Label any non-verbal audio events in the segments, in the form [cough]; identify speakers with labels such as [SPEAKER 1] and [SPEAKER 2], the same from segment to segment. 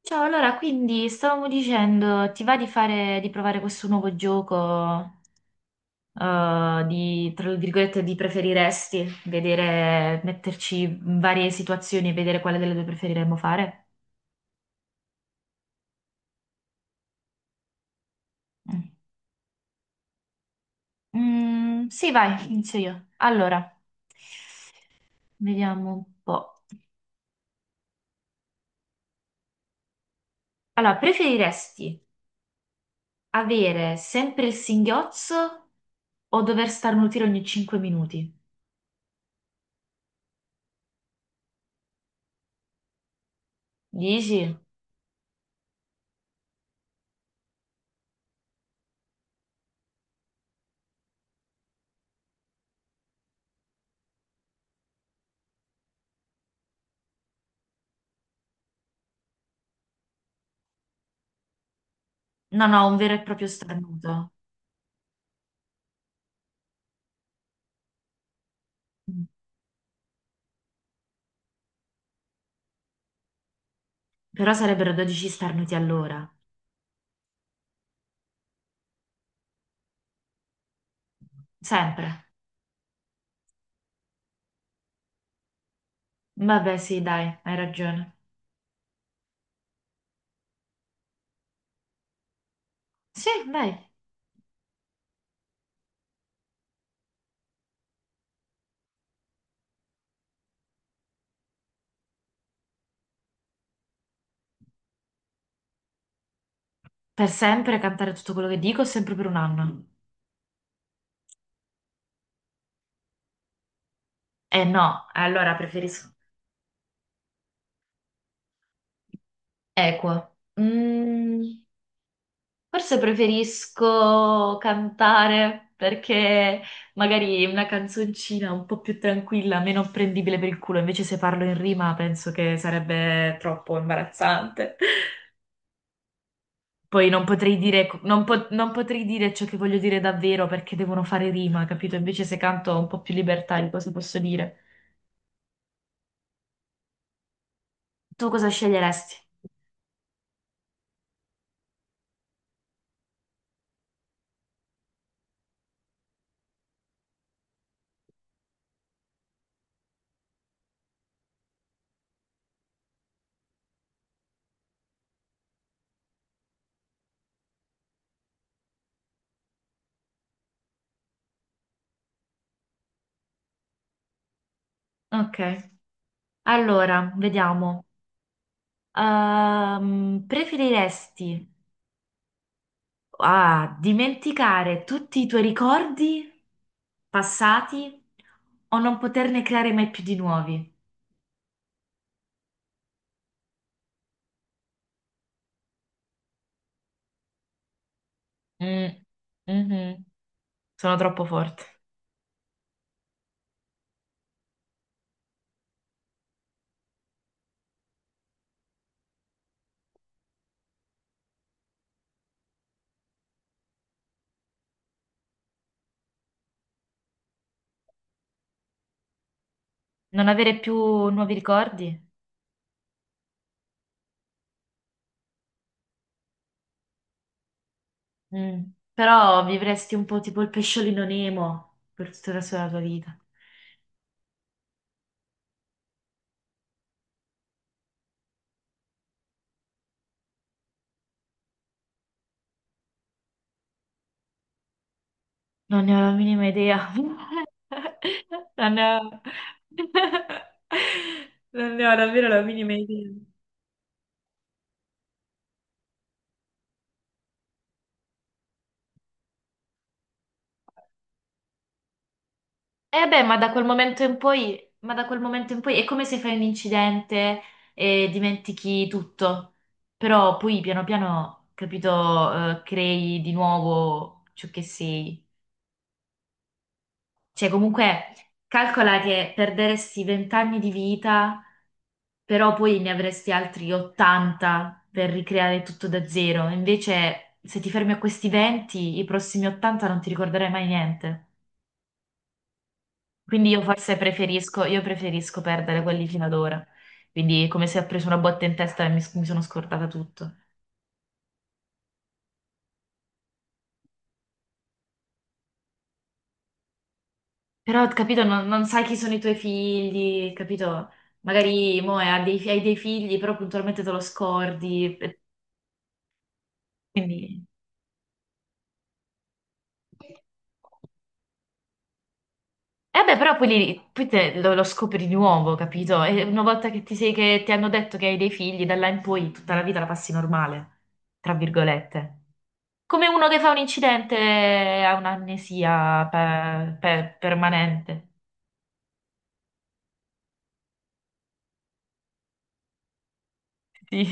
[SPEAKER 1] Ciao, allora, quindi stavamo dicendo, ti va di provare questo nuovo gioco, di, tra virgolette, di preferiresti, vedere, metterci in varie situazioni e vedere quale delle due preferiremmo fare? Mm. Mm, sì, vai, inizio io. Allora, vediamo un po'. Allora, preferiresti avere sempre il singhiozzo o dover starnutire ogni 5 minuti? Dici? No, no, un vero e proprio starnuto. Però sarebbero 12 starnuti all'ora. Sempre. Vabbè, sì, dai, hai ragione. Sì, dai. Per sempre cantare tutto quello che dico, sempre per un anno. Eh no, allora preferisco. Equo. Mm, forse preferisco cantare perché magari una canzoncina un po' più tranquilla, meno prendibile per il culo. Invece se parlo in rima penso che sarebbe troppo imbarazzante. [laughs] Poi non potrei dire ciò che voglio dire davvero perché devono fare rima, capito? Invece se canto ho un po' più libertà di cosa posso dire. Tu cosa sceglieresti? Ok, allora, vediamo. Preferiresti dimenticare tutti i tuoi ricordi passati o non poterne creare mai più di nuovi? Mm, mhm. Sono troppo forte. Non avere più nuovi ricordi? Mm. Però vivresti un po' tipo il pesciolino Nemo per tutta la tua vita. Non ne ho la minima idea. [laughs] Non ne ho. [laughs] Non ne ho davvero la minima idea. Eh beh, ma da quel momento in poi è come se fai un incidente e dimentichi tutto. Però poi piano piano, capito, crei di nuovo ciò che sei. Cioè, comunque, calcola che perderesti 20 anni di vita, però poi ne avresti altri 80 per ricreare tutto da zero. Invece, se ti fermi a questi 20, i prossimi 80 non ti ricorderai mai niente. Quindi io forse preferisco, io preferisco perdere quelli fino ad ora. Quindi, come se ho preso una botta in testa e mi sono scordata tutto. Però, capito, non sai chi sono i tuoi figli, capito? Magari mo, hai dei figli, però puntualmente te lo scordi. Quindi. E beh, però poi, poi te lo scopri di nuovo, capito? E una volta che ti hanno detto che hai dei figli, da là in poi tutta la vita la passi normale, tra virgolette. Come uno che fa un incidente e ha un'amnesia permanente. Sì.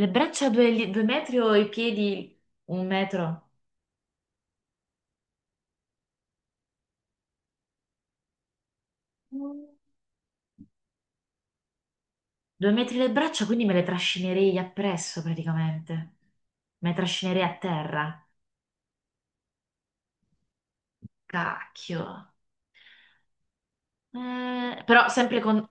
[SPEAKER 1] Le braccia due, due metri o i piedi un metro? Due metri le braccia, quindi me le trascinerei appresso praticamente. Me le trascinerei a terra. Cacchio. Però sempre con,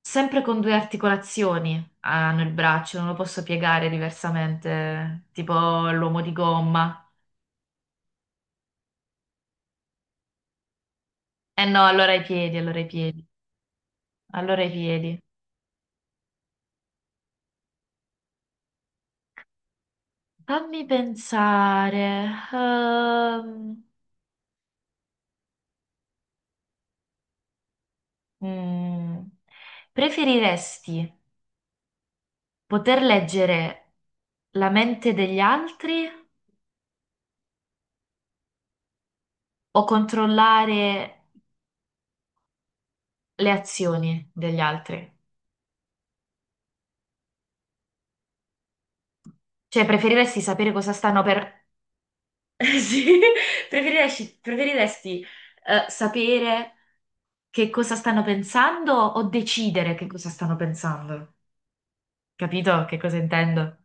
[SPEAKER 1] sempre con due articolazioni hanno il braccio, non lo posso piegare diversamente, tipo l'uomo di gomma. Eh no, allora i piedi. Fammi pensare. ehm, mm, preferiresti poter leggere la mente degli altri o controllare le azioni degli altri? Cioè, preferiresti sapere cosa stanno per. Sì, [laughs] preferiresti, sapere che cosa stanno pensando o decidere che cosa stanno pensando? Capito che cosa intendo?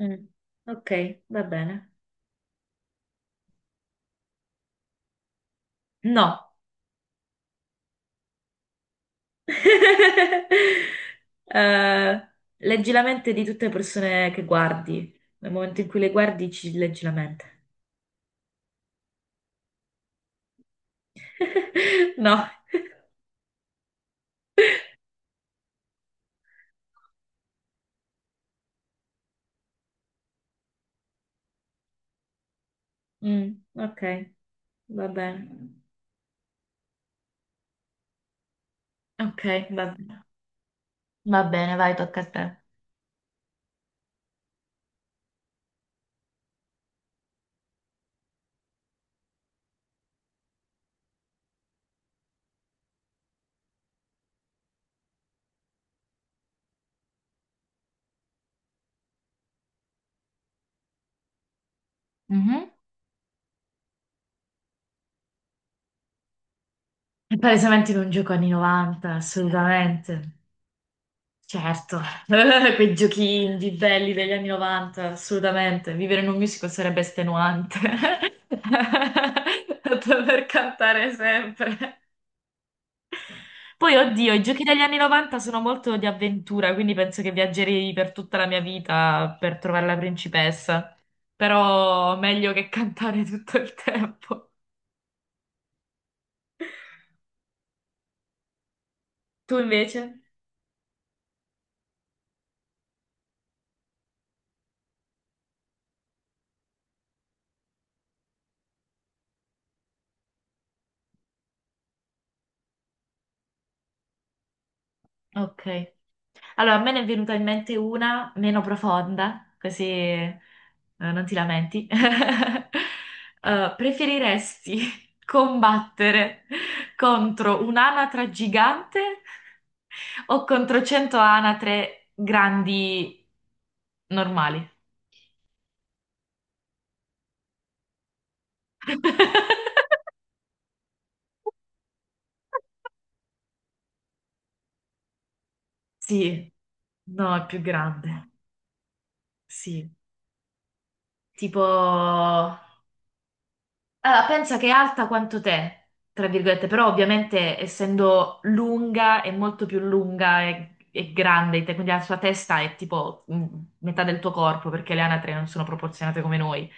[SPEAKER 1] Mm, ok, va bene. No. [laughs] Eh, leggi la mente di tutte le persone che guardi. Nel momento in cui le guardi, ci leggi la mente. [laughs] No. Mm, ok, va bene. Ok, va bene. Va bene, vai, tocca a te. Mhm. È palesemente non gioco anni 90, assolutamente. Certo, [laughs] quei giochi indie belli degli anni 90, assolutamente. Vivere in un musical sarebbe estenuante, [laughs] dover cantare sempre. Poi, oddio, i giochi degli anni 90 sono molto di avventura, quindi penso che viaggerei per tutta la mia vita per trovare la principessa. Però meglio che cantare tutto il tempo. Tu invece? Ok. Allora, a me ne è venuta in mente una meno profonda, così non ti lamenti. [laughs] Preferiresti [laughs] combattere contro un'anatra gigante o contro 100 anatre grandi normali? [laughs] Sì, no, è più grande. Sì, tipo. Allora, pensa che è alta quanto te, tra virgolette, però ovviamente essendo lunga è molto più lunga e grande di te, quindi la sua testa è tipo metà del tuo corpo, perché le anatre non sono proporzionate come noi,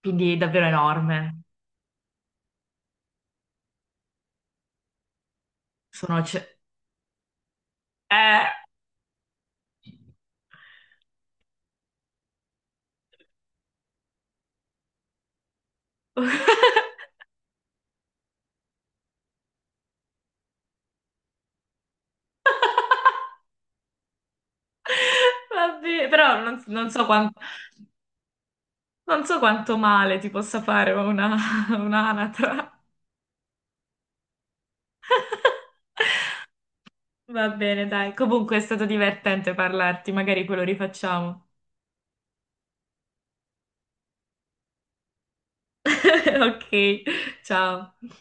[SPEAKER 1] quindi è davvero enorme. Sono. Eh! [laughs] Vabbè, però non so quanto male ti possa fare [laughs] un'anatra. Va bene, dai. Comunque è stato divertente parlarti, magari quello rifacciamo. [laughs] Ok, ciao.